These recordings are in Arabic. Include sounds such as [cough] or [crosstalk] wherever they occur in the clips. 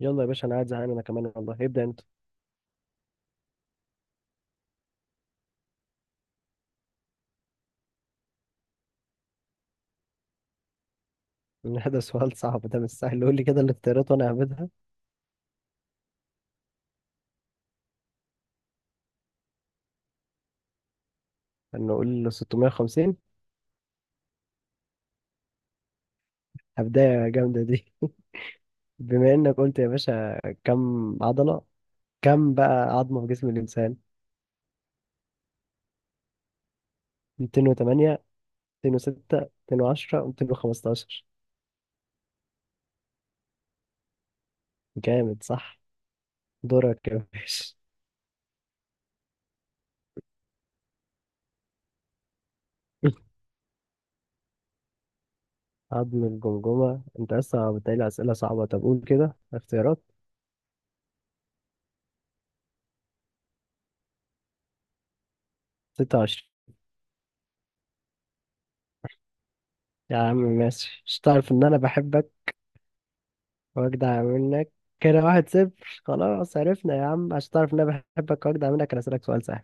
يلا يا باشا، انا قاعد زهقان، انا كمان والله. ابدا انت [laughs] إن ده سؤال صعب، ده مش سهل. قول لي كده الاختيارات وانا هبدها. انه قول 650. هبدايه جامده دي [laughs] بما انك قلت يا باشا كم عضله، كم بقى عظمه في جسم الانسان؟ 208، 206، 210، 215. جامد صح. دورك يا باشا [laughs] عظم الجمجمه؟ انت لسه بتقلي اسئله صعبه. طب قول كده اختيارات. 26. يا عم ماشي، مش تعرف ان انا بحبك واجدع منك؟ كده واحد صفر. خلاص عرفنا يا عم، عشان تعرف ان انا بحبك واجدع منك، انا اسالك سؤال سهل.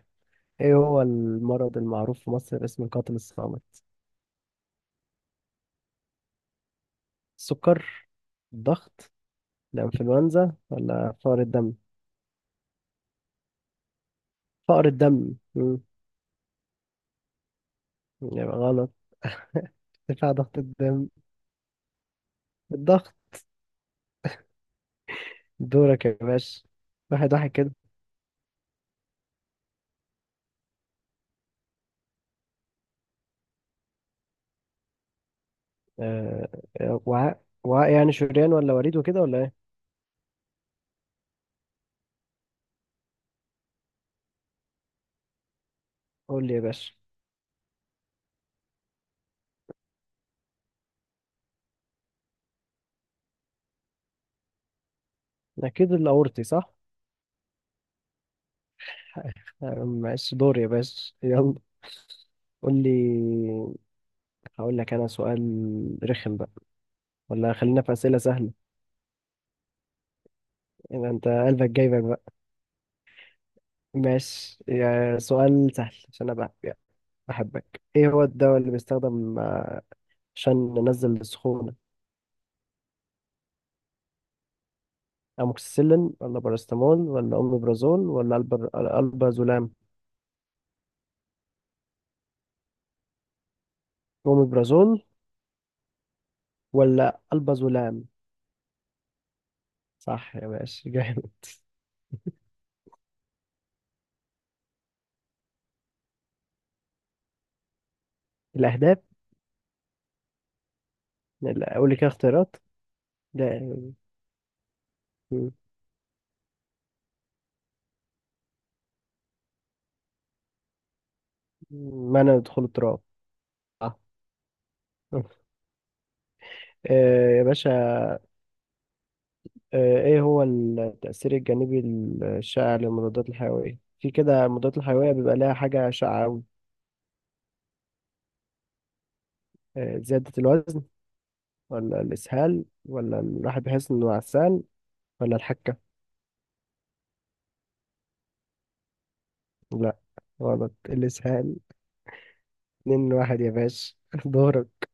ايه هو المرض المعروف في مصر باسم القاتل الصامت؟ السكر، الضغط، الانفلونزا، ولا فقر الدم؟ فقر الدم. يبقى غلط. ارتفاع ضغط الدم، الضغط. دورك يا باشا. واحد واحد كده. آه وعاء يعني شريان ولا وريد وكده ولا ايه؟ قول لي يا باشا. اكيد الاورطي، صح؟ ماشي دور يا باشا يلا. قول لي. هقول لك انا سؤال رخم بقى، ولا خلينا في اسئله سهله؟ يعني انت قلبك جايبك بقى. ماشي، يا سؤال سهل عشان انا بح- بحبك. ايه هو الدواء اللي بيستخدم عشان ننزل السخونه؟ اموكسيسيلين، ولا باراستامول، ولا اوميبرازول، ولا البازولام؟ اوميبرازول ولا البازولام. صح يا باشا، جامد. الاهداف. لا، قول لي كده اختيارات. لا. منع دخول التراب. آه. يا باشا، ايه هو التأثير الجانبي الشائع للمضادات الحيوية؟ في كده، المضادات الحيوية بيبقى لها حاجة شائعة أوي. زيادة الوزن، ولا الإسهال، ولا الواحد بيحس إنه عسان، ولا الحكة؟ لا غلط، الإسهال. اتنين واحد يا باشا [laughs] دورك.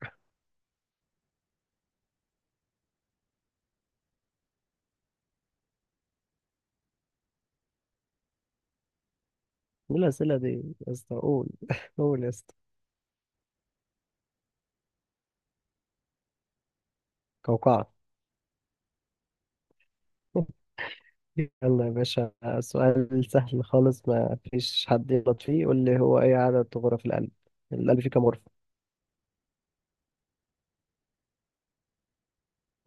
ايه الأسئلة دي يا اسطى؟ قول [laughs] قول يا اسطى. قوقعة. يلا يا باشا، سؤال سهل خالص ما فيش حد يغلط فيه. قول لي، هو ايه عدد غرف القلب؟ القلب فيه كام غرفة؟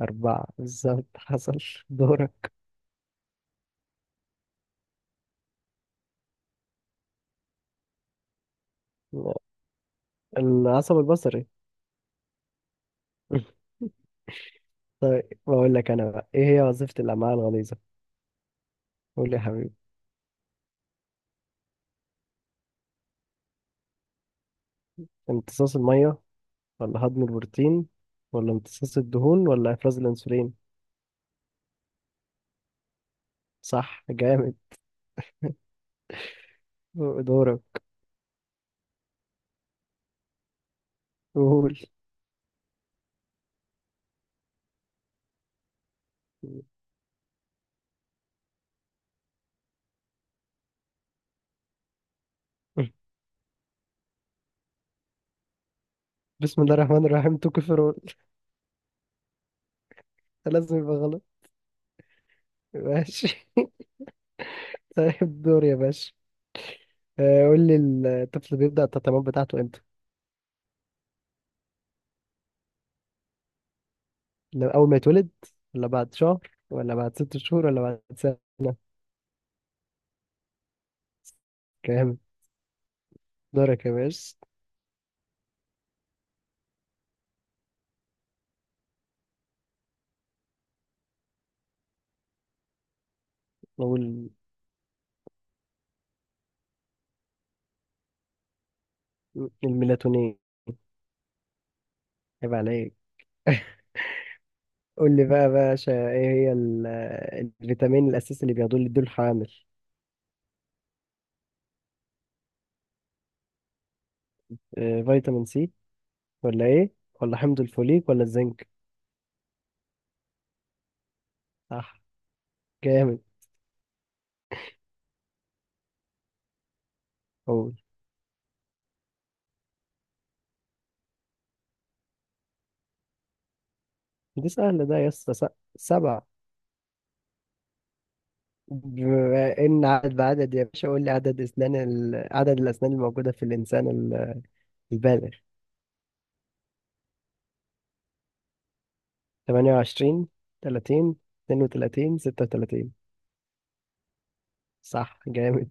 أربعة بالظبط [laughs] حصل. دورك. العصب البصري [laughs] طيب بقول لك أنا بقى، ايه هي وظيفة الأمعاء الغليظة؟ قول لي يا حبيبي. امتصاص المية، ولا هضم البروتين، ولا امتصاص الدهون، ولا إفراز الأنسولين؟ صح جامد. دورك. قول [laughs] بسم الله الرحمن الرحيم، تو كفر. لازم يبقى غلط. ماشي [laughs] طيب دور يا باشا. قول لي، الطفل بيبدأ التطعيمات بتاعته امتى؟ أول ما يتولد، ولا بعد شهر، ولا بعد ست شهور، ولا بعد سنة؟ كام؟ دورك يا باشا. أقول. الميلاتونين. عيب عليك. قول لي بقى يا باشا، إيه هي الفيتامين الأساسي اللي بياخدوه اللي يدوه الحامل؟ فيتامين سي، ولا إيه؟ ولا حمض الفوليك، ولا الزنك؟ صح جامد. قول. دي سهلة ده يا اسطى. سبع. بما ان عدد بعدد يا باشا، قول لي عدد الاسنان الموجوده في الانسان البالغ. 28، 30، 32، 36. صح جامد.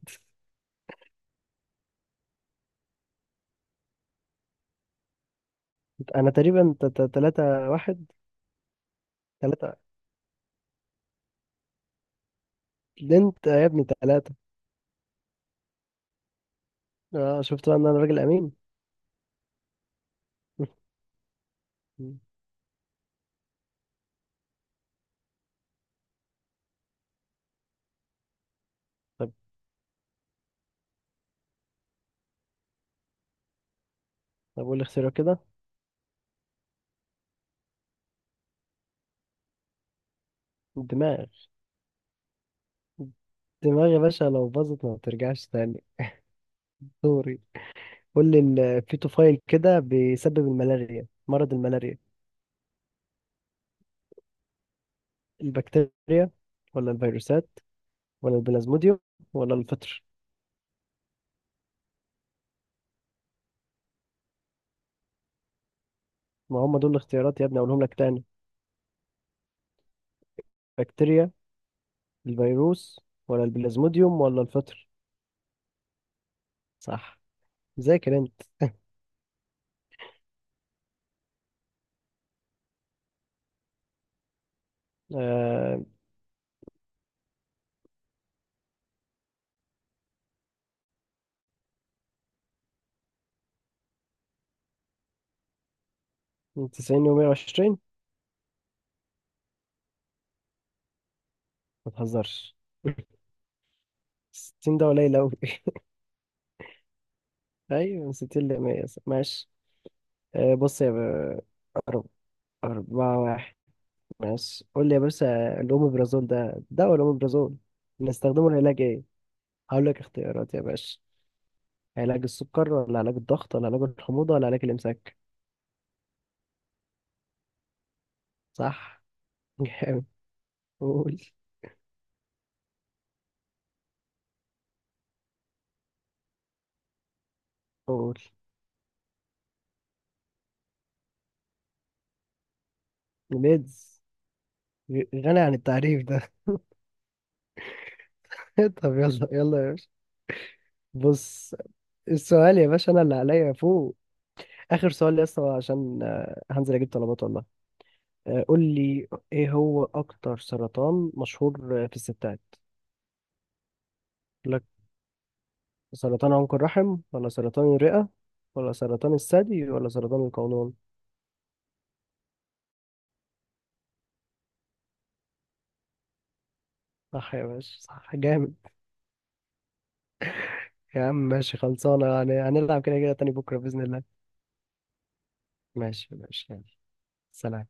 انا تقريبا 3 واحد. 3. انت يا ابني 3. اه شفت بقى ان انا راجل امين [laughs] طب طب قول لي اختيارات كده. الدماغ. الدماغ يا باشا لو باظت ما بترجعش تاني. سوري. قول لي. الفيتوفايل كده بيسبب الملاريا، مرض الملاريا. البكتيريا، ولا الفيروسات، ولا البلازموديوم، ولا الفطر؟ ما هم دول الاختيارات يا ابني، اقولهم لك تاني. بكتيريا، الفيروس، ولا البلازموديوم، ولا الفطر؟ صح. ذاكر انت. آه... 90 و 120. ما تهزرش، 60 ده قليل أوي [laughs] أيوة من 60 ل 100 ماشي. آه بص يا أرب- أربعة واحد. ماشي قول لي يا باشا، الأوميبرازول ده، ولا أوميبرازول، بنستخدمه لعلاج إيه؟ هقول لك اختيارات يا باشا. علاج السكر، ولا علاج الضغط، ولا علاج الحموضة، ولا علاج الإمساك؟ صح [laughs] جامد. قول قول. ميدز. غني عن التعريف ده [laughs] طب يلا يلا يا باشا. بص، السؤال يا باشا انا اللي عليا فوق. اخر سؤال يا اسطى، عشان هنزل اجيب طلبات والله. قول لي، ايه هو اكتر سرطان مشهور في الستات؟ يقول لك، سرطان عنق الرحم، ولا سرطان الرئة، ولا سرطان الثدي، ولا سرطان القولون؟ صح يا باشا، صح جامد. يا عم ماشي خلصانة يعني. هنلعب كده كده تاني بكرة بإذن الله. ماشي ماشي يلا. سلام.